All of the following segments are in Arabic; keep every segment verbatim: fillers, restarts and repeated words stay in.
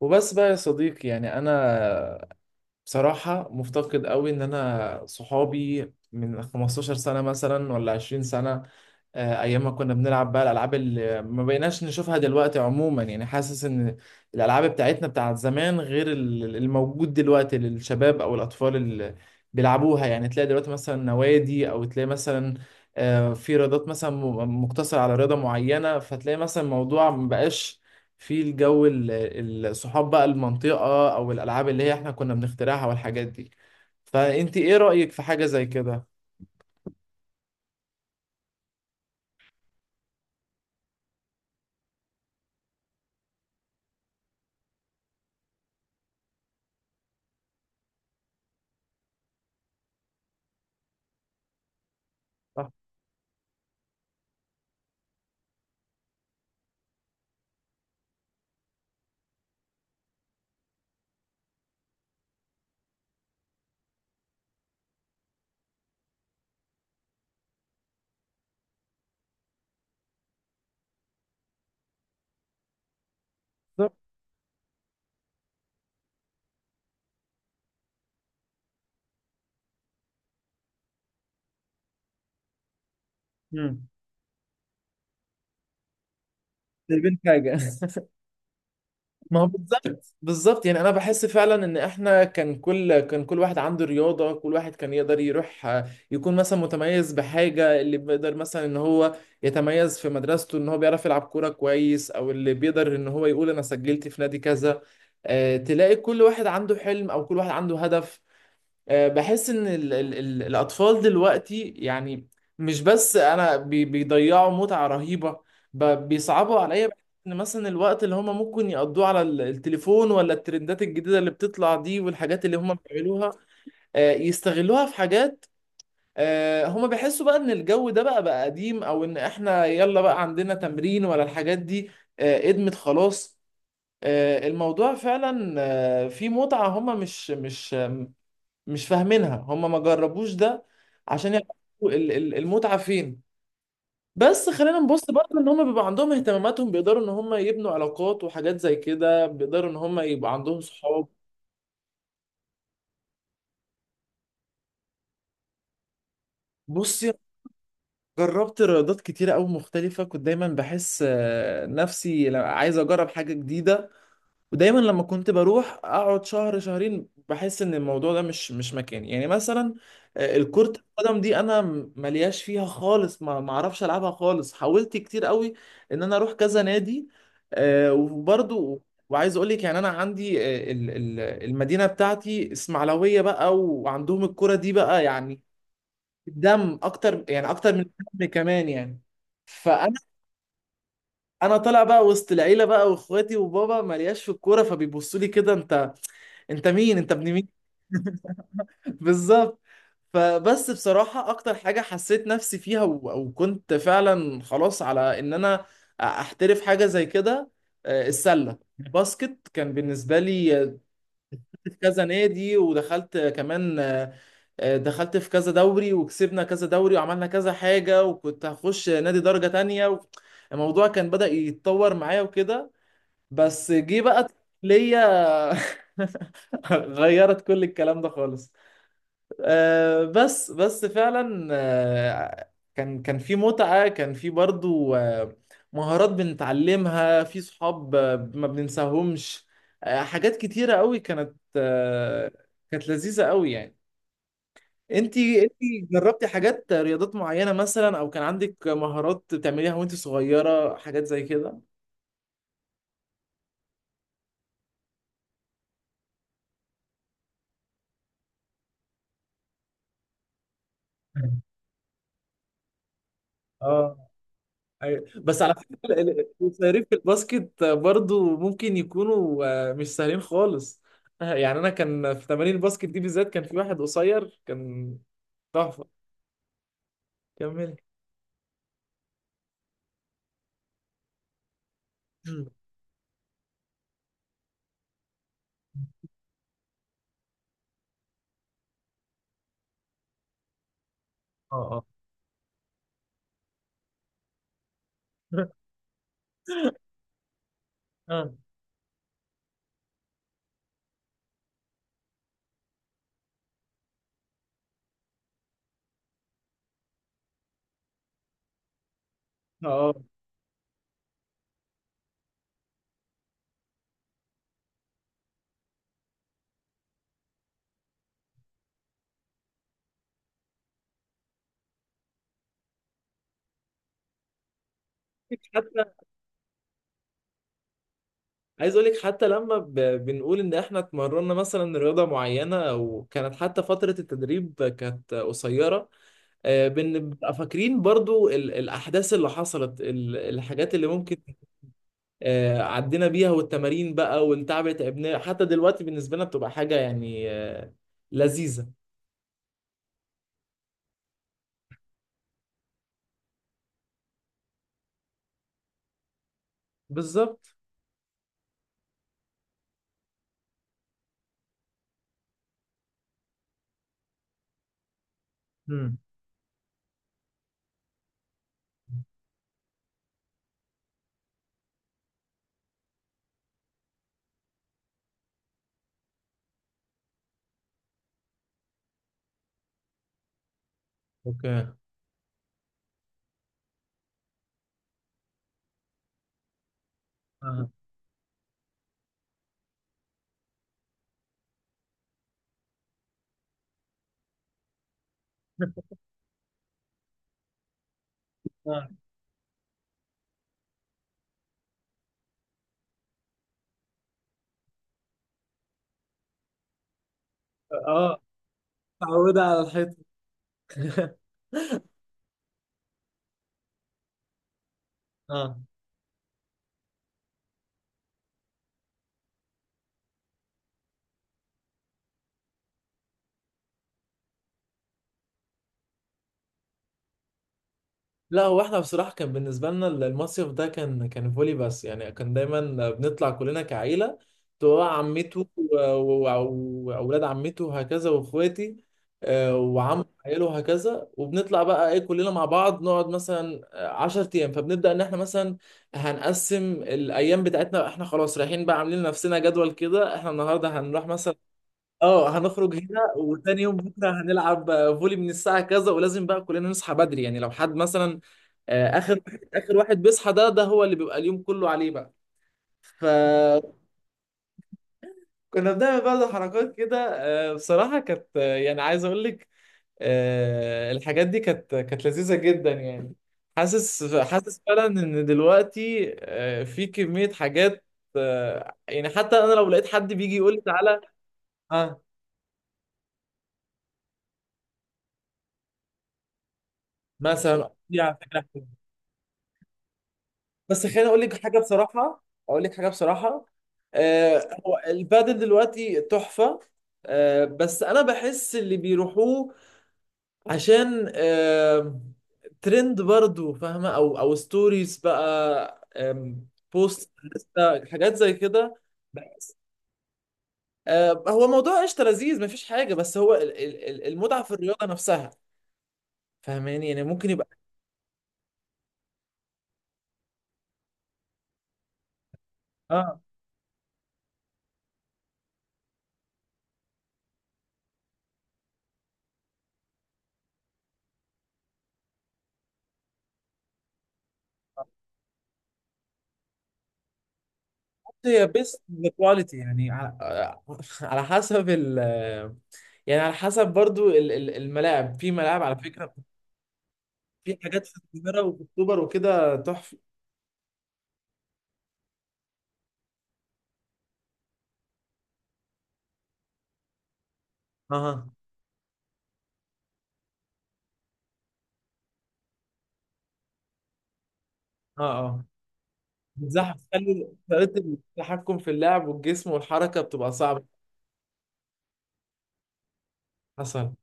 وبس بقى يا صديقي، يعني انا بصراحة مفتقد قوي ان انا صحابي من خمسة عشر سنة مثلا ولا عشرين سنة. آه، ايام ما كنا بنلعب بقى الالعاب اللي ما بقيناش نشوفها دلوقتي. عموما يعني حاسس ان الالعاب بتاعتنا بتاعت زمان غير ال- الموجود دلوقتي للشباب او الاطفال اللي بيلعبوها. يعني تلاقي دلوقتي مثلا نوادي او تلاقي مثلا آه، في رياضات مثلا م- مقتصرة على رياضة معينة، فتلاقي مثلا الموضوع مبقاش في الجو ال- ال- الصحاب بقى، المنطقة او الالعاب اللي هي احنا كنا بنخترعها والحاجات دي. فانت ايه رأيك في حاجة زي كده؟ صح. بالظبط. مم. سايبين حاجة. ما هو بالظبط بالظبط، يعني انا بحس فعلا ان احنا كان كل كان كل واحد عنده رياضه، كل واحد كان يقدر يروح آه، يكون مثلا متميز بحاجه، اللي بيقدر مثلا ان هو يتميز في مدرسته ان هو بيعرف يلعب كوره كويس، او اللي بيقدر ان هو يقول انا سجلت في نادي كذا. آه، تلاقي كل واحد عنده حلم او كل واحد عنده هدف. آه، بحس ان ال ال ال الاطفال دلوقتي، يعني مش بس انا بي بيضيعوا متعة رهيبة، ب- بيصعبوا عليا. بحس ان مثلا الوقت اللي هم ممكن يقضوه على ال- التليفون ولا الترندات الجديدة اللي بتطلع دي والحاجات اللي هم بيعملوها آه، يستغلوها في حاجات. آه، هم بيحسوا بقى ان الجو ده بقى بقى قديم، او ان احنا يلا بقى عندنا تمرين ولا الحاجات دي. آه، قدمت خلاص. آه، الموضوع فعلا آه، فيه متعة هم مش مش مش فاهمينها. هم ما جربوش ده عشان يعرفوا ال- ال- المتعة فين. بس خلينا نبص برضه ان هم بيبقى عندهم اهتماماتهم، بيقدروا ان هم يبنوا علاقات وحاجات زي كده، بيقدروا ان هم يبقى عندهم صحاب. بصي، جربت رياضات كتيرة أوي مختلفة. كنت دايما بحس آه، نفسي لا- عايز أجرب حاجة جديدة، ودايما لما كنت بروح اقعد شهر شهرين بحس ان الموضوع ده مش مش مكاني. يعني مثلا آه، الكرة القدم دي انا م- ملياش فيها خالص، ما ما اعرفش العبها خالص. حاولت كتير قوي ان انا اروح كذا نادي آه، وبرضو. وعايز اقول لك يعني انا عندي، آه، ال- ال- المدينة بتاعتي اسماعيلوية بقى، وعندهم الكرة دي بقى يعني الدم اكتر، يعني اكتر من الدم كمان يعني. فانا انا طالع بقى وسط العيله بقى، واخواتي وبابا ملياش في الكوره، فبيبصوا لي كده انت انت مين، انت ابن مين؟ بالظبط. فبس بصراحة اكتر حاجة حسيت نفسي فيها و- وكنت فعلا خلاص على ان انا احترف حاجة زي كده آه، السلة، باسكت كان بالنسبة لي آه، في كذا نادي ودخلت كمان آه، آه، دخلت في كذا دوري وكسبنا كذا دوري وعملنا كذا حاجة، وكنت هخش نادي درجة تانية و- الموضوع كان بدأ يتطور معايا وكده. بس جه بقى ليا غيرت كل الكلام ده خالص. آه، بس بس فعلا آه، كان كان في متعة، كان في برضو آه، مهارات بنتعلمها في صحاب آه، ما بننساهمش. آه، حاجات كتيرة قوي كانت آه، كانت لذيذة قوي يعني. انتي انتي جربتي حاجات، رياضات معينة مثلا، او كان عندك مهارات بتعمليها وانتي صغيرة، حاجات زي كده؟ اه، أيوة. بس على فكرة ال- ال- الصيادين في الباسكت برضو ممكن يكونوا آه، مش سهلين خالص. آه، يعني أنا كان في تمارين الباسكت دي بالذات، كان في واحد قصير كان تحفة. كمل. مم. اه، اه. اه، اه. حتى عايز اقول لك حتى لما ب... بنقول ان احنا اتمرنا مثلا رياضه معينه، وكانت حتى فتره التدريب كانت قصيره، آه، بنبقى فاكرين برضو ال... الاحداث اللي حصلت، ال... الحاجات اللي ممكن آه، عدينا بيها، والتمارين بقى، والتعب اللي تعبناه. حتى دلوقتي بالنسبة لنا بتبقى حاجة يعني آه، لذيذة. بالظبط. امم. اوكي. اه. اه، اه. اتعودة على الحيطة. اه. لا، هو احنا بصراحة كان بالنسبة لنا المصيف ده كان كان فولي بس، يعني كان دايما بنطلع كلنا كعيلة، تبقى عمته و- و- وأولاد عمته وهكذا، وإخواتي آه، وعم عياله وهكذا، وبنطلع بقى إيه كلنا مع بعض، نقعد مثلا عشر أيام. فبنبدأ إن إحنا مثلا هنقسم الأيام بتاعتنا، إحنا خلاص رايحين بقى، عاملين لنفسنا جدول كده، إحنا النهاردة هنروح مثلا اه، هنخرج هنا، وتاني يوم بكره هنلعب فولي من الساعه كذا، ولازم بقى كلنا نصحى بدري. يعني لو حد مثلا آه، اخر واحد اخر واحد بيصحى ده ده هو اللي بيبقى اليوم كله عليه بقى. فكنا بنعمل بعض حركات كده. آه، بصراحه كانت، آه، يعني عايز اقول لك آه، الحاجات دي كانت كانت لذيذه جدا يعني. حاسس حاسس فعلا ان دلوقتي آه، في كميه حاجات آه، يعني. حتى انا لو لقيت حد بيجي يقول لي تعالى اه مثلا يا فكره، بس خليني اقول لك حاجه بصراحه، اقول لك حاجه بصراحه، آه هو البادل دلوقتي تحفه. آه بس انا بحس اللي بيروحوه عشان آه ترند برضو، فاهمه؟ او او ستوريز بقى، آم، بوست، لسه حاجات زي كده. آه هو موضوع قشطه لذيذ، مفيش حاجه، بس هو ال- ال- ال- المتعه في الرياضه نفسها، فاهماني يعني؟ ممكن يبقى اه هي بيست كواليتي، يعني على على حسب ال، يعني على حسب برضو ال- ال- الملاعب. في ملاعب على فكرة في حاجات في القاهرة وفي اكتوبر وكده تحفة. اها. اه، اه. بتزحف، تخلي طريقة التحكم في اللعب والجسم والحركة بتبقى صعبة. حصل.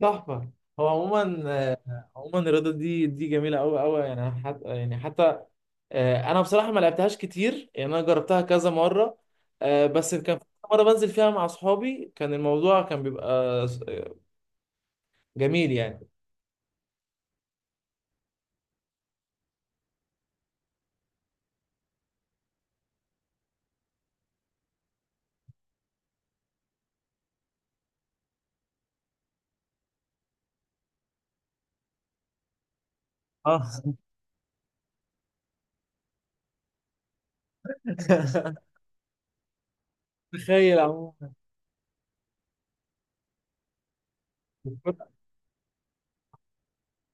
تحفة. هو عموما آه، عموما الرياضة دي دي جميلة أوي أوي، يعني حتى يعني حتى آه، انا بصراحه ما لعبتهاش كتير، يعني انا جربتها كذا مره آه، بس كان في مره بنزل فيها مع اصحابي كان الموضوع كان بيبقى س- جميل يعني. اه. تخيل. عموما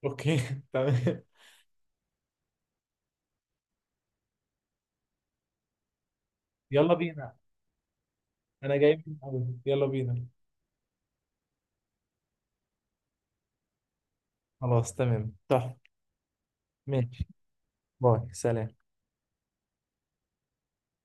اوكي تمام. يلا بينا. انا جاي من الأول. يلا بينا. خلاص تمام تحفه. ماشي. باي، سلام.